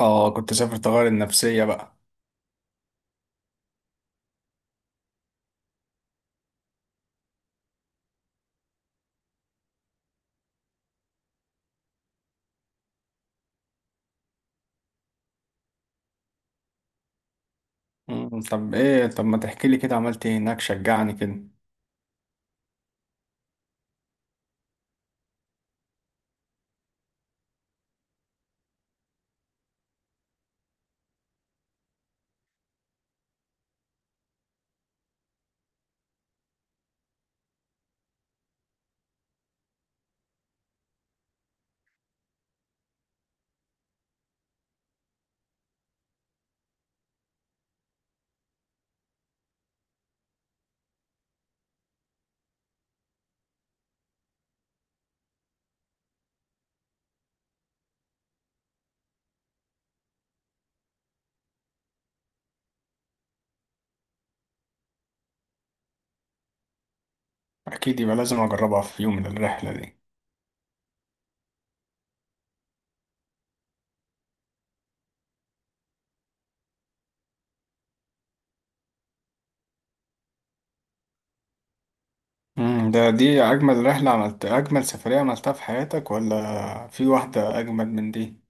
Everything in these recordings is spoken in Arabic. اه، كنت سافر تغير النفسية بقى. طب ما تحكي لي كده عملت ايه هناك شجعني كده؟ اكيد يبقى لازم اجربها في يوم من الرحلة دي. دي اجمل سفرية عملتها في حياتك ولا في واحدة اجمل من دي؟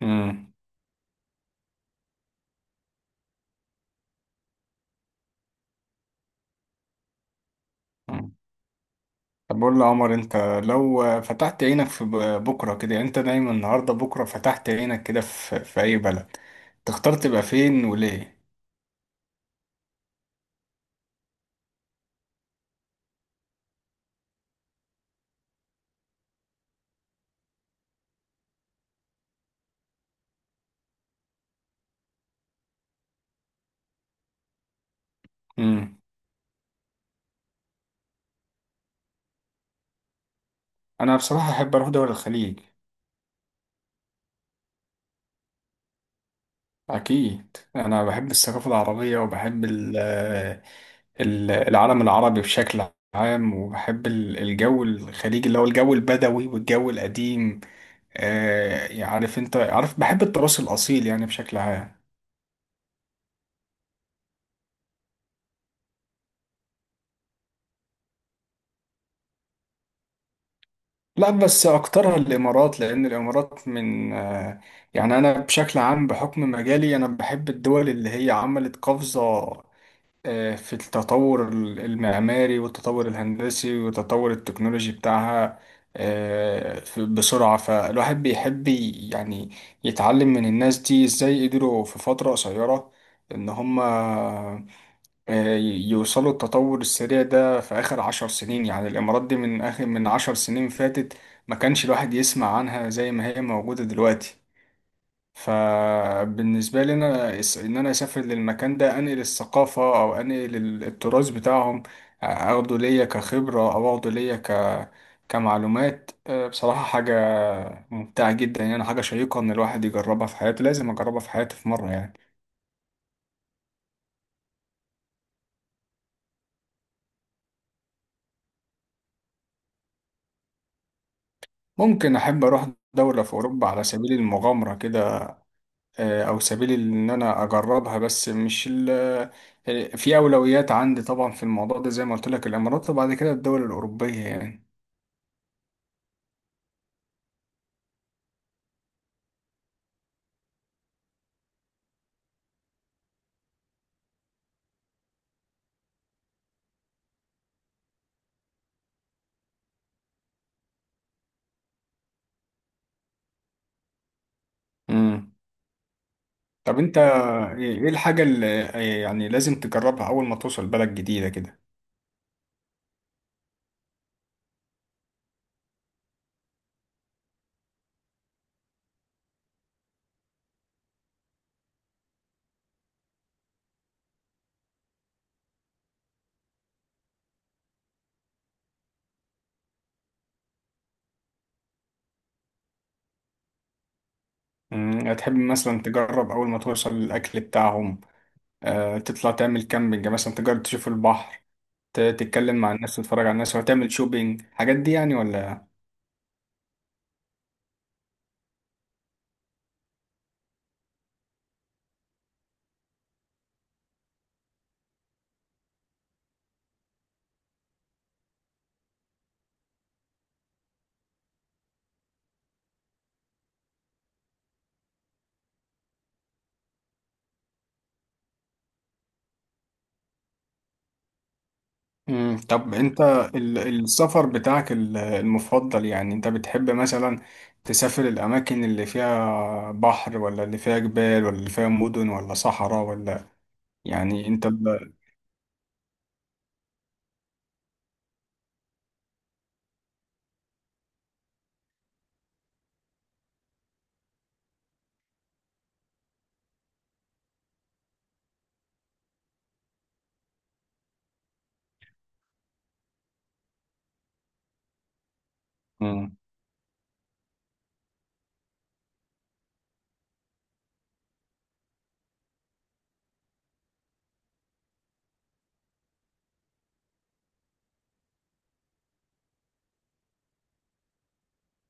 مم. مم. طب قول لي يا عمر انت لو فتحت عينك بكرة كده، يعني انت نايم النهاردة بكرة فتحت عينك كده في اي بلد تختار تبقى فين وليه؟ مم. انا بصراحة احب اروح دول الخليج. أكيد أنا بحب الثقافة العربية، وبحب العالم العربي بشكل عام، وبحب الجو الخليجي اللي هو الجو البدوي والجو القديم. يعني أنت عارف بحب التراث الأصيل يعني بشكل عام. لا، بس أكترها الإمارات، لأن الإمارات من آه، يعني أنا بشكل عام بحكم مجالي أنا بحب الدول اللي هي عملت قفزة في التطور المعماري والتطور الهندسي والتطور التكنولوجي بتاعها بسرعة. فالواحد بيحب يعني يتعلم من الناس دي ازاي قدروا في فترة قصيرة ان هما يوصلوا التطور السريع ده في اخر عشر سنين. يعني الامارات دي من اخر عشر سنين فاتت ما كانش الواحد يسمع عنها زي ما هي موجودة دلوقتي. فبالنسبة لي أنا إن أنا أسافر للمكان ده، أنقل الثقافة أو أنقل التراث بتاعهم، أخده ليا كخبرة أو أخده ليا كمعلومات. بصراحة حاجة ممتعة جدا، يعني حاجة شيقة إن الواحد يجربها في حياته. لازم أجربها في حياتي في مرة يعني. ممكن أحب أروح دولة في أوروبا على سبيل المغامرة كده، أو سبيل إن أنا أجربها، بس مش في أولويات عندي طبعا في الموضوع ده. زي ما قلت لك، الإمارات وبعد كده الدول الأوروبية يعني. مم. طب انت إيه الحاجة اللي يعني لازم تجربها اول ما توصل بلد جديدة كده؟ هتحب مثلا تجرب اول ما توصل الاكل بتاعهم؟ اه تطلع تعمل كامبينج مثلا؟ تجرب تشوف البحر، تتكلم مع الناس، تتفرج على الناس، وتعمل شوبينج الحاجات دي يعني، ولا؟ طب انت السفر بتاعك المفضل، يعني انت بتحب مثلا تسافر الاماكن اللي فيها بحر، ولا اللي فيها جبال، ولا اللي فيها مدن، ولا صحراء، ولا؟ يعني انت.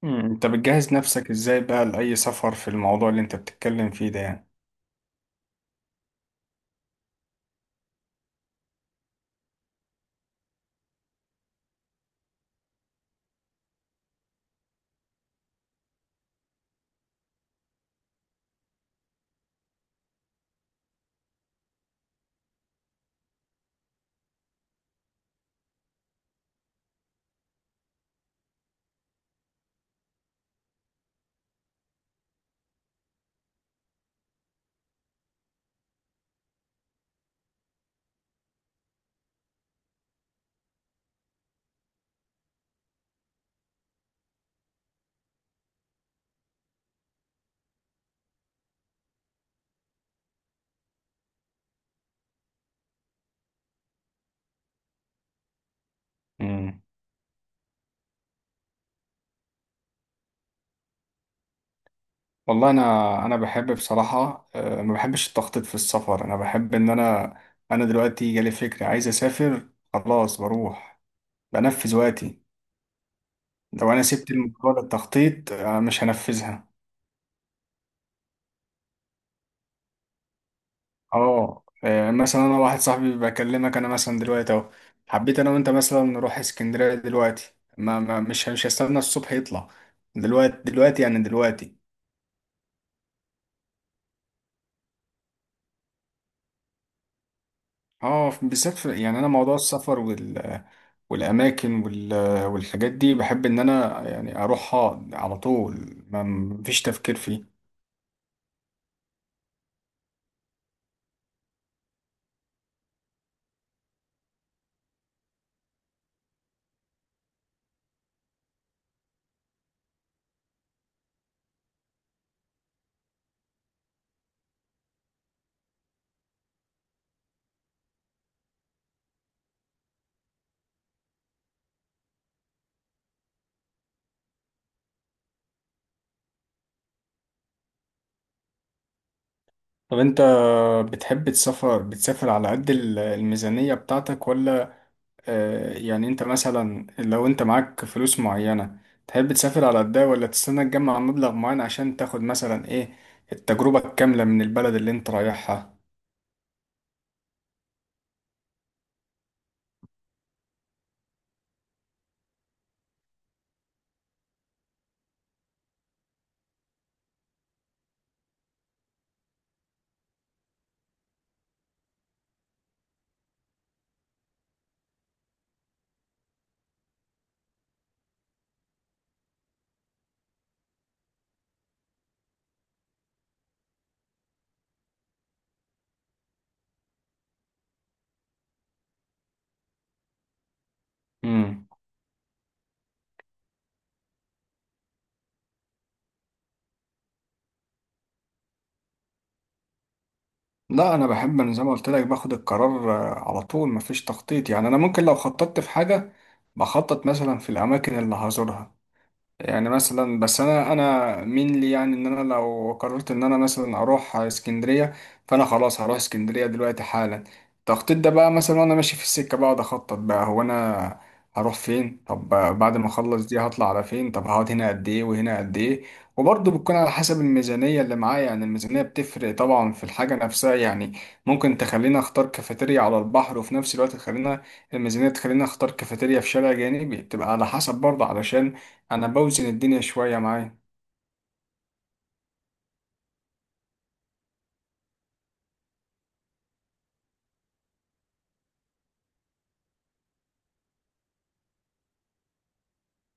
مم. انت بتجهز نفسك ازاي بقى لأي سفر في الموضوع اللي انت بتتكلم فيه ده يعني؟ مم. والله انا بحب بصراحة، ما بحبش التخطيط في السفر. انا بحب ان انا دلوقتي جالي فكرة عايز اسافر خلاص، بروح بنفذ وقتي. لو انا سبت الموضوع للتخطيط مش هنفذها. مثلا انا واحد صاحبي بكلمك انا مثلا دلوقتي اهو، حبيت انا وانت مثلا نروح اسكندرية دلوقتي، ما ما مش مش هستنى الصبح يطلع. دلوقتي دلوقتي يعني دلوقتي. اه بالذات في، يعني انا موضوع السفر والاماكن والحاجات دي بحب ان انا يعني اروحها على طول ما مفيش تفكير فيه. طب انت بتحب تسافر، على قد الميزانية بتاعتك، ولا يعني انت مثلا لو انت معاك فلوس معينة تحب تسافر على قدها، ولا تستنى تجمع مبلغ معين عشان تاخد مثلا ايه التجربة الكاملة من البلد اللي انت رايحها؟ لا، انا بحب، انا زي ما قلت لك باخد القرار على طول مفيش تخطيط. يعني انا ممكن لو خططت في حاجه بخطط مثلا في الاماكن اللي هزورها، يعني مثلا. بس انا مين لي، يعني ان انا لو قررت ان انا مثلا اروح اسكندريه، فانا خلاص هروح اسكندريه دلوقتي حالا. التخطيط ده بقى مثلا وانا ماشي في السكه بقعد اخطط بقى، هو انا هروح فين؟ طب بعد ما اخلص دي هطلع على فين؟ طب هقعد هنا قد ايه وهنا قد ايه؟ وبرضه بتكون على حسب الميزانيه اللي معايا. يعني الميزانيه بتفرق طبعا في الحاجه نفسها، يعني ممكن تخليني اختار كافيتيريا على البحر، وفي نفس الوقت تخلينا الميزانيه تخليني اختار كافيتيريا في شارع جانبي. بتبقى على حسب برضه، علشان انا بوزن الدنيا شوية معايا.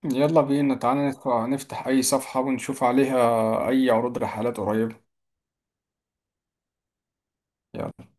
يلا بينا، تعالى نفتح اي صفحة ونشوف عليها اي عروض رحلات قريبة. يلا.